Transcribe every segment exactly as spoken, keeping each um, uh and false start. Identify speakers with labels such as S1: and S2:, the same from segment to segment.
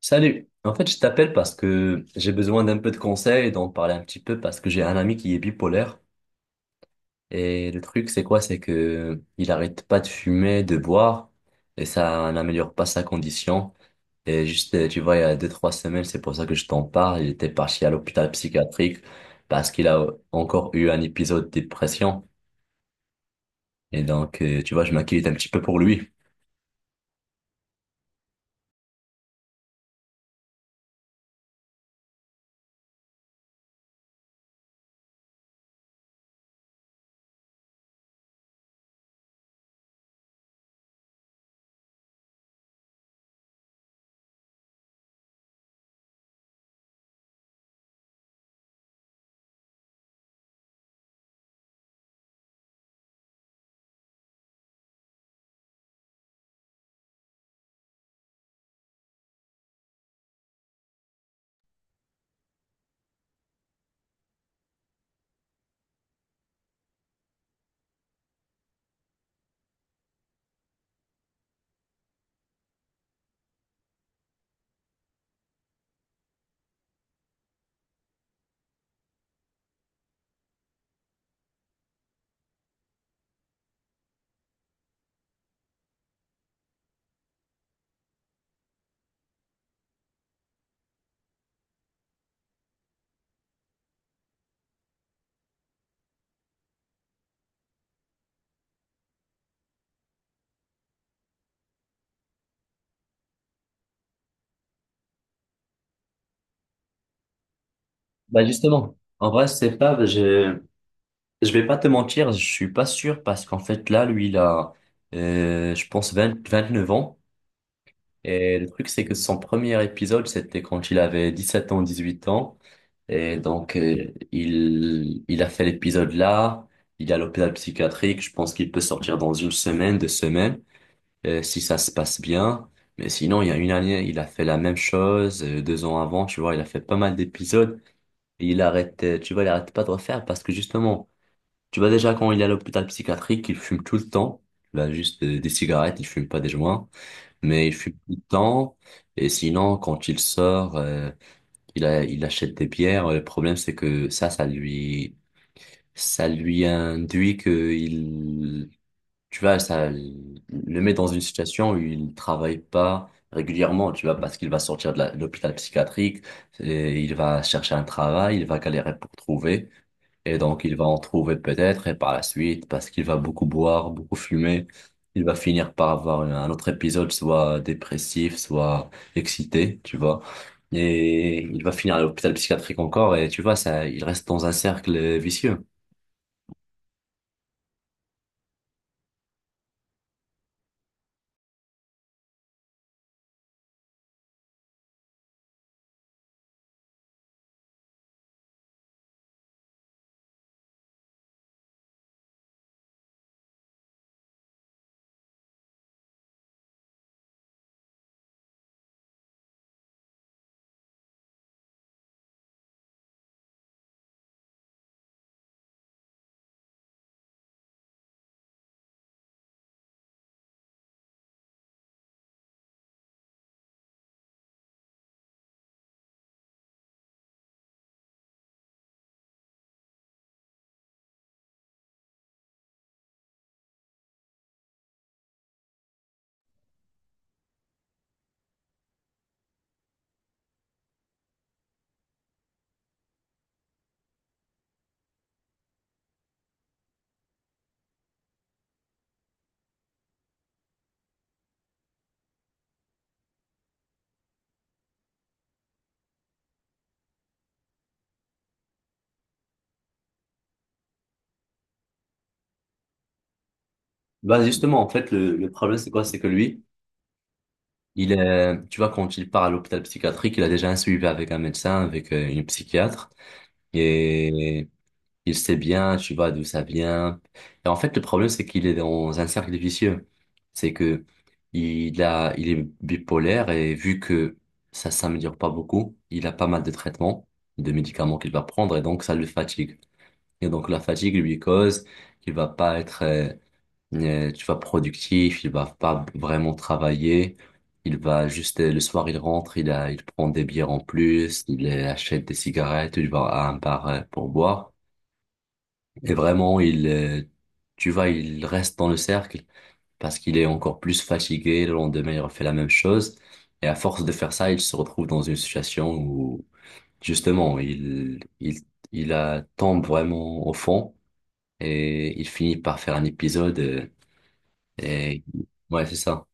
S1: Salut. En fait, je t'appelle parce que j'ai besoin d'un peu de conseils, d'en parler un petit peu parce que j'ai un ami qui est bipolaire et le truc c'est quoi? C'est que il arrête pas de fumer, de boire et ça n'améliore pas sa condition. Et juste, euh, tu vois, il y a deux, trois semaines, c'est pour ça que je t'en parle. Il était parti à l'hôpital psychiatrique parce qu'il a encore eu un épisode de dépression. Et donc, euh, tu vois, je m'inquiète un petit peu pour lui. Bah justement, en vrai, c'est pas, je je vais pas te mentir, je suis pas sûr parce qu'en fait là, lui, il a, euh, je pense, vingt vingt-neuf ans. Et le truc, c'est que son premier épisode, c'était quand il avait dix-sept ans, dix-huit ans. Et donc, euh, il, il a fait l'épisode là, il est à l'hôpital psychiatrique, je pense qu'il peut sortir dans une semaine, deux semaines. euh, si ça se passe bien. Mais sinon, il y a une année, il a fait la même chose, euh, deux ans avant, tu vois, il a fait pas mal d'épisodes et il arrête, euh, tu vois, il arrête pas de refaire parce que justement, tu vois déjà quand il est à l'hôpital psychiatrique, il fume tout le temps. Il a juste euh, des cigarettes, il fume pas des joints, mais il fume tout le temps. Et sinon, quand il sort, euh, il a, il achète des bières. Le problème, c'est que ça, ça lui, ça lui induit que il tu vois, ça le met dans une situation où il travaille pas régulièrement, tu vois, parce qu'il va sortir de la- de l'hôpital psychiatrique, et il va chercher un travail, il va galérer pour trouver, et donc il va en trouver peut-être, et par la suite, parce qu'il va beaucoup boire, beaucoup fumer, il va finir par avoir un autre épisode, soit dépressif, soit excité, tu vois. Et il va finir à l'hôpital psychiatrique encore, et tu vois, ça, il reste dans un cercle vicieux. Bah justement, en fait, le, le problème, c'est quoi? C'est que lui, Il est, tu vois, quand il part à l'hôpital psychiatrique, il a déjà un suivi avec un médecin, avec euh, une psychiatre, et il sait bien, tu vois, d'où ça vient. Et en fait, le problème, c'est qu'il est dans un cercle vicieux. C'est que il a, il est bipolaire et vu que ça s'améliore pas beaucoup, il a pas mal de traitements, de médicaments qu'il va prendre, et donc ça le fatigue. Et donc la fatigue lui cause qu'il va pas être euh, euh, tu vois, productif, il va pas vraiment travailler. Il va juste, euh, le soir, il rentre, il a, il prend des bières en plus, il euh, achète des cigarettes, il va à un bar euh, pour boire. Et vraiment, il, euh, tu vois, il reste dans le cercle parce qu'il est encore plus fatigué. Le lendemain, il refait la même chose. Et à force de faire ça, il se retrouve dans une situation où, justement, il, il, il a, tombe vraiment au fond et il finit par faire un épisode euh, et, ouais, c'est ça.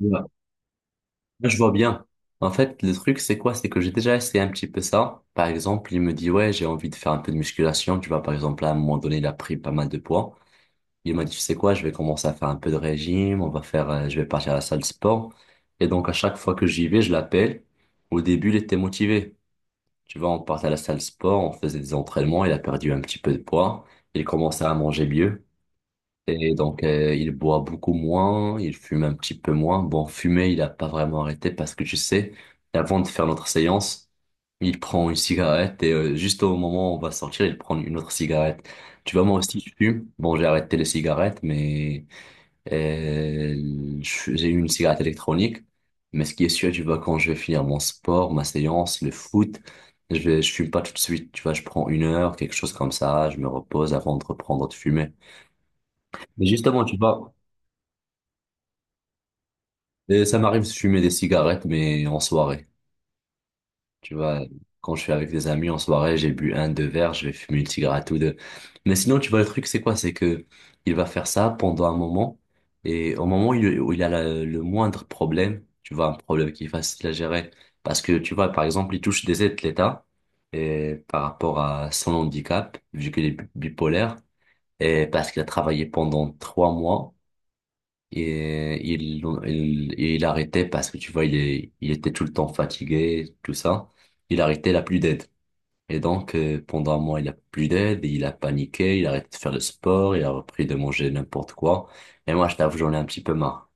S1: Ouais. Là, je vois bien. En fait, le truc, c'est quoi? C'est que j'ai déjà essayé un petit peu ça. Par exemple, il me dit, ouais, j'ai envie de faire un peu de musculation. Tu vois, par exemple, à un moment donné, il a pris pas mal de poids. Il m'a dit, tu sais quoi, je vais commencer à faire un peu de régime. On va faire, euh, je vais partir à la salle de sport. Et donc, à chaque fois que j'y vais, je l'appelle. Au début, il était motivé. Tu vois, on partait à la salle de sport, on faisait des entraînements. Il a perdu un petit peu de poids. Il commençait à manger mieux. Et donc, euh, il boit beaucoup moins, il fume un petit peu moins. Bon, fumer, il n'a pas vraiment arrêté parce que tu sais, avant de faire notre séance, il prend une cigarette et euh, juste au moment où on va sortir, il prend une autre cigarette. Tu vois, moi aussi, je fume. Bon, j'ai arrêté les cigarettes, mais euh, je- j'ai eu une cigarette électronique. Mais ce qui est sûr, tu vois, quand je vais finir mon sport, ma séance, le foot, je vais, je fume pas tout de suite. Tu vois, je prends une heure, quelque chose comme ça, je me repose avant de reprendre de fumer. Mais justement, tu vois, Et ça m'arrive de fumer des cigarettes, mais en soirée. Tu vois, quand je suis avec des amis en soirée, j'ai bu un, deux verres, je vais fumer une cigarette ou deux. Mais sinon, tu vois, le truc, c'est quoi? C'est que il va faire ça pendant un moment, et au moment où il où il a la- le moindre problème, tu vois, un problème qui est facile à gérer, parce que, tu vois, par exemple, il touche des aides de l'État, et par rapport à son handicap, vu qu'il est bi- bipolaire, et parce qu'il a travaillé pendant trois mois, et il, il, il arrêtait parce que tu vois, il, est- il était tout le temps fatigué, tout ça. Il arrêtait, il a plus d'aide. Et donc, euh, pendant un mois, il a plus d'aide, il a paniqué, il a arrêté de faire le sport, il a repris de manger n'importe quoi. Et moi, je t'avoue, j'en ai un petit peu marre.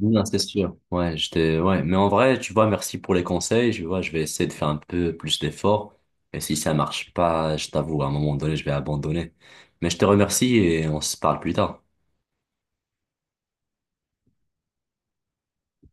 S1: Non, c'est sûr. Ouais, j'étais, ouais. Mais en vrai, tu vois, merci pour les conseils. Je vois, je vais essayer de faire un peu plus d'efforts. Et si ça marche pas, je t'avoue, à un moment donné, je vais abandonner. Mais je te remercie et on se parle plus tard.